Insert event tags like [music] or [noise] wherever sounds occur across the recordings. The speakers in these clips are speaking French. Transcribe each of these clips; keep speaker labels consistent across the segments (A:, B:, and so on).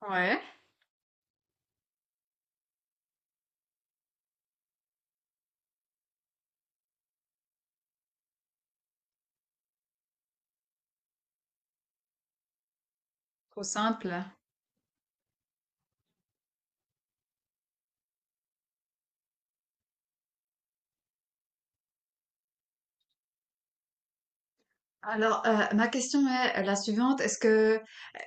A: Ouais, trop simple. Alors, ma question est la suivante. Est-ce que,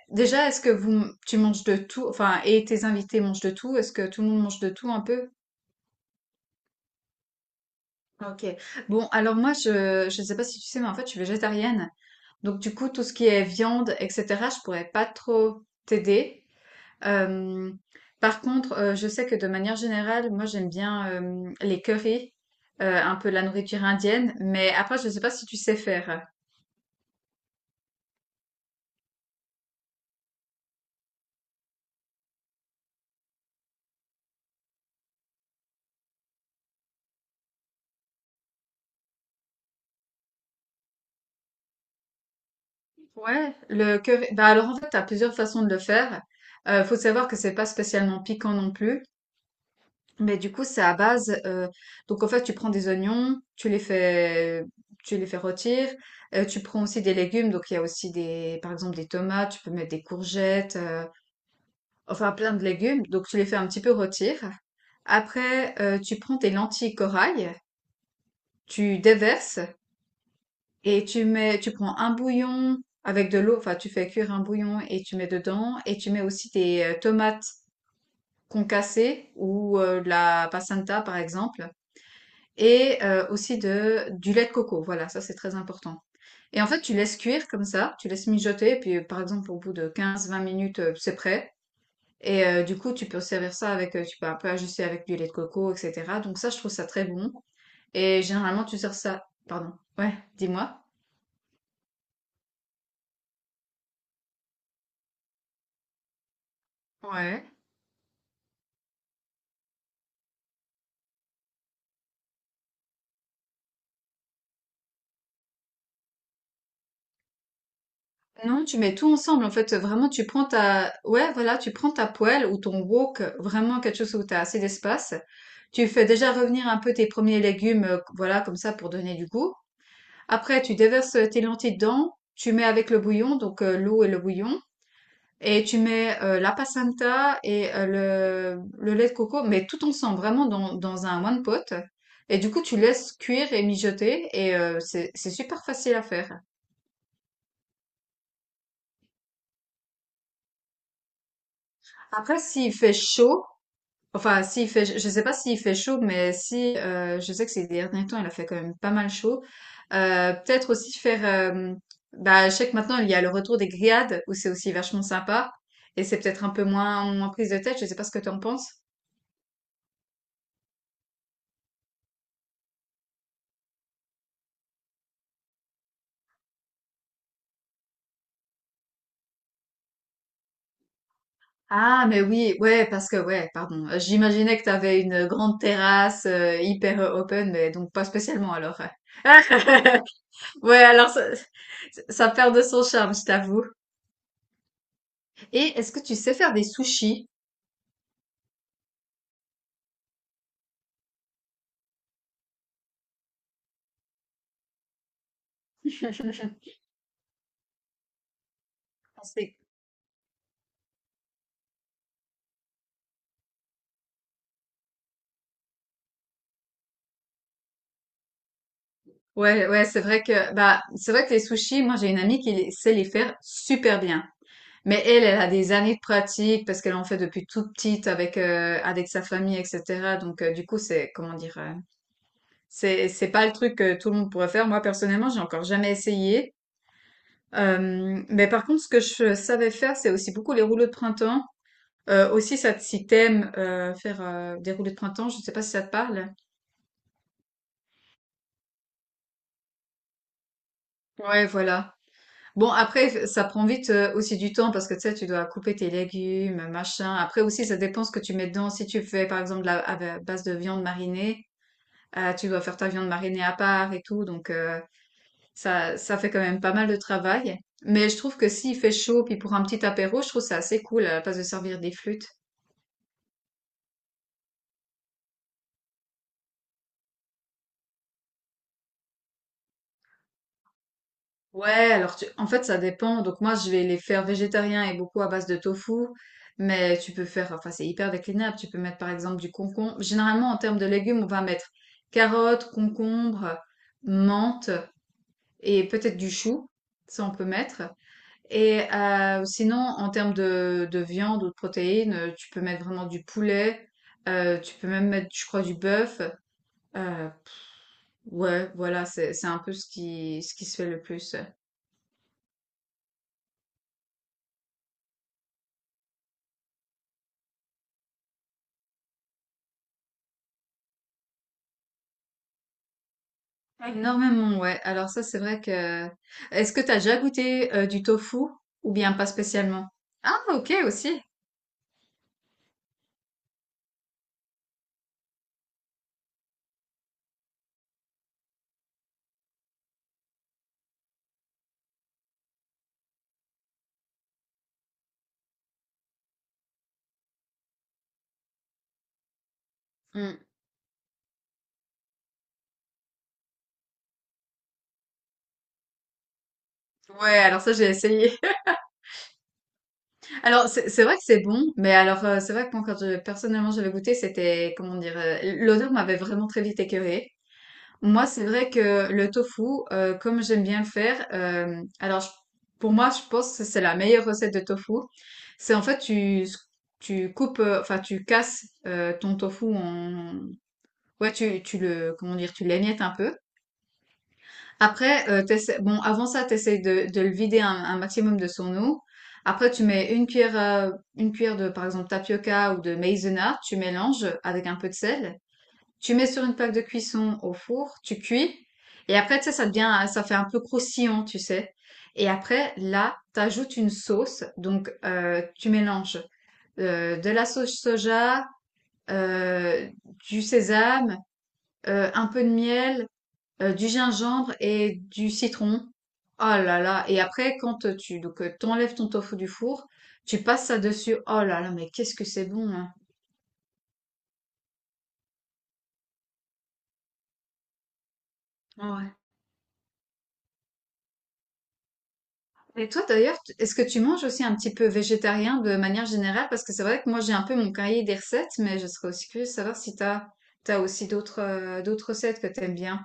A: déjà, est-ce que vous, tu manges de tout, enfin, et tes invités mangent de tout? Est-ce que tout le monde mange de tout un peu? Ok. Bon, alors moi, je sais pas si tu sais, mais en fait, je suis végétarienne. Donc, du coup, tout ce qui est viande, etc., je pourrais pas trop t'aider. Euh, Par contre, je sais que de manière générale, moi, j'aime bien les currys, un peu la nourriture indienne, mais après, je sais pas si tu sais faire. Ouais, le que bah alors en fait, t'as plusieurs façons de le faire. Faut savoir que c'est pas spécialement piquant non plus, mais du coup, c'est à base. Donc en fait, tu prends des oignons, tu les fais rôtir. Tu prends aussi des légumes, donc il y a aussi des, par exemple des tomates, tu peux mettre des courgettes, enfin plein de légumes. Donc tu les fais un petit peu rôtir. Après, tu prends tes lentilles corail, tu déverses. Et tu mets, tu prends un bouillon avec de l'eau, enfin tu fais cuire un bouillon et tu mets dedans, et tu mets aussi tes tomates concassées ou de la passata par exemple, et aussi de, du lait de coco, voilà, ça c'est très important. Et en fait tu laisses cuire comme ça, tu laisses mijoter, et puis par exemple au bout de 15 20 minutes c'est prêt. Et du coup tu peux servir ça avec, tu peux un peu ajuster avec du lait de coco, etc. Donc ça je trouve ça très bon. Et généralement tu sers ça, pardon, ouais, dis-moi. Ouais. Non, tu mets tout ensemble. En fait, vraiment, tu prends ta, ouais, voilà, tu prends ta poêle ou ton wok, vraiment quelque chose où tu as assez d'espace. Tu fais déjà revenir un peu tes premiers légumes, voilà, comme ça, pour donner du goût. Après, tu déverses tes lentilles dedans. Tu mets avec le bouillon, donc l'eau et le bouillon. Et tu mets la passata et le lait de coco, mais tout ensemble, vraiment dans, dans un one pot. Et du coup, tu laisses cuire et mijoter. Et c'est super facile à faire. Après, s'il fait chaud, enfin, s'il fait, je sais pas s'il fait chaud, mais si, je sais que ces derniers temps, il a fait quand même pas mal chaud. Peut-être aussi faire, euh, bah, je sais que maintenant, il y a le retour des grillades, où c'est aussi vachement sympa. Et c'est peut-être un peu moins, moins prise de tête, je sais pas ce que tu en penses. Ah, mais oui, ouais, parce que, ouais, pardon. J'imaginais que t'avais une grande terrasse, hyper open, mais donc pas spécialement, alors. [laughs] Ouais, alors ça perd de son charme, je t'avoue. Et est-ce que tu sais faire des sushis? [laughs] C'est ouais, ouais, c'est vrai que bah c'est vrai que les sushis, moi j'ai une amie qui les- sait les faire super bien. Mais elle, elle a des années de pratique parce qu'elle en fait depuis toute petite avec avec sa famille, etc. Donc du coup c'est comment dire, c'est pas le truc que tout le monde pourrait faire. Moi personnellement, j'ai encore jamais essayé. Mais par contre, ce que je savais faire, c'est aussi beaucoup les rouleaux de printemps. Aussi, ça, te- si t'aimes faire des rouleaux de printemps, je sais pas si ça te parle. Ouais, voilà. Bon, après, ça prend vite aussi du temps parce que tu sais, tu dois couper tes légumes, machin. Après aussi, ça dépend ce que tu mets dedans. Si tu fais, par exemple, de la, à ba- base de viande marinée, tu dois faire ta viande marinée à part et tout. Donc, ça, ça fait quand même pas mal de travail. Mais je trouve que s'il fait chaud, puis pour un petit apéro, je trouve ça assez cool à la place de servir des flûtes. Ouais, alors tu... en fait, ça dépend. Donc moi, je vais les faire végétariens et beaucoup à base de tofu. Mais tu peux faire, enfin, c'est hyper déclinable. Tu peux mettre par exemple du concombre. Généralement, en termes de légumes, on va mettre carottes, concombre, menthe et peut-être du chou. Ça, on peut mettre. Et sinon, en termes de viande ou de protéines, tu peux mettre vraiment du poulet. Tu peux même mettre, je crois, du bœuf. Euh, ouais, voilà, c'est un peu ce qui se fait le plus. Énormément, ouais. Alors ça, c'est vrai que... Est-ce que t'as déjà goûté du tofu ou bien pas spécialement? Ah, ok, aussi. Mm. Ouais, alors ça, j'ai essayé. [laughs] Alors, c'est vrai que c'est bon, mais alors, c'est vrai que moi, quand je- personnellement, j'avais goûté, c'était, comment dire, l'odeur m'avait vraiment très vite écœurée. Moi, c'est vrai que le tofu, comme j'aime bien le faire, alors, je- pour moi, je pense que c'est la meilleure recette de tofu. C'est en fait, tu coupes, enfin, tu casses ton tofu en, ouais, tu le, comment dire, tu l'émiettes un peu. Après, t'essaies- bon, avant ça, t'essayes de le vider un maximum de son eau. Après, tu mets une cuillère de, par exemple, tapioca ou de maïzena, tu mélanges avec un peu de sel. Tu mets sur une plaque de cuisson au four, tu cuis. Et après, tu sais, ça devient, ça fait un peu croustillant, tu sais. Et après, là, t'ajoutes une sauce. Donc, tu mélanges de la sauce soja, euh, du sésame, un peu de miel du gingembre et du citron. Oh là là. Et après, quand tu donc, t'enlèves ton tofu du four, tu passes ça dessus. Oh là là, mais qu'est-ce que c'est bon, hein. Ouais. Et toi d'ailleurs, t- est-ce que tu manges aussi un petit peu végétarien de manière générale? Parce que c'est vrai que moi j'ai un peu mon cahier des recettes, mais je serais aussi curieuse de savoir si t'as aussi d'autres d'autres recettes que t'aimes bien.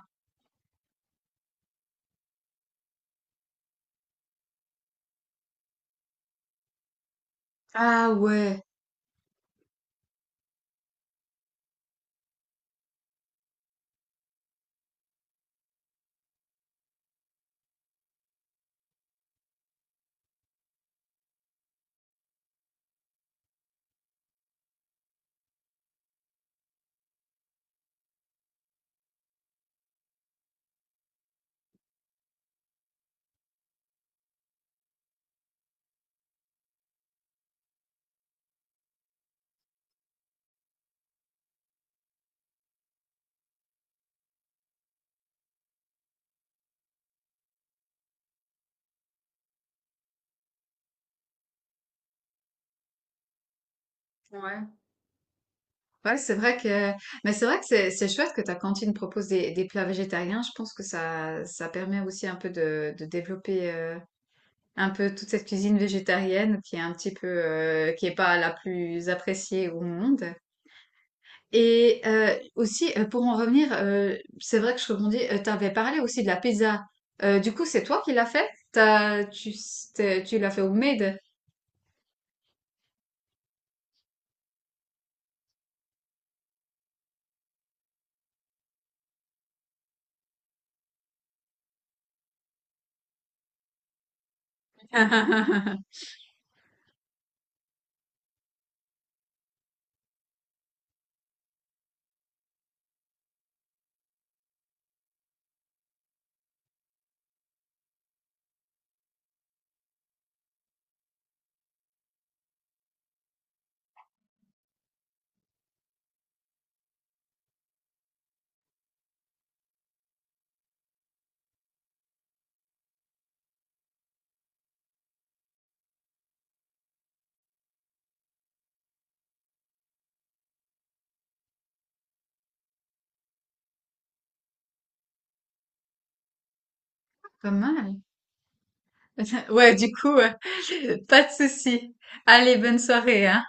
A: Ah ouais. Ouais. Ouais, c'est vrai que, mais c'est vrai que c'est chouette que ta cantine propose des plats végétariens. Je pense que ça permet aussi un peu de développer un peu toute cette cuisine végétarienne qui est un petit peu, qui est pas la plus appréciée au monde. Et aussi, pour en revenir, c'est vrai que je rebondis, t'avais parlé aussi de la pizza. Du coup, c'est toi qui l'as fait? T'as, tu, t'es- tu l'as fait au made? [laughs] Pas mal. [laughs] Ouais, du coup, euh, [laughs] pas de souci. Allez, bonne soirée, hein.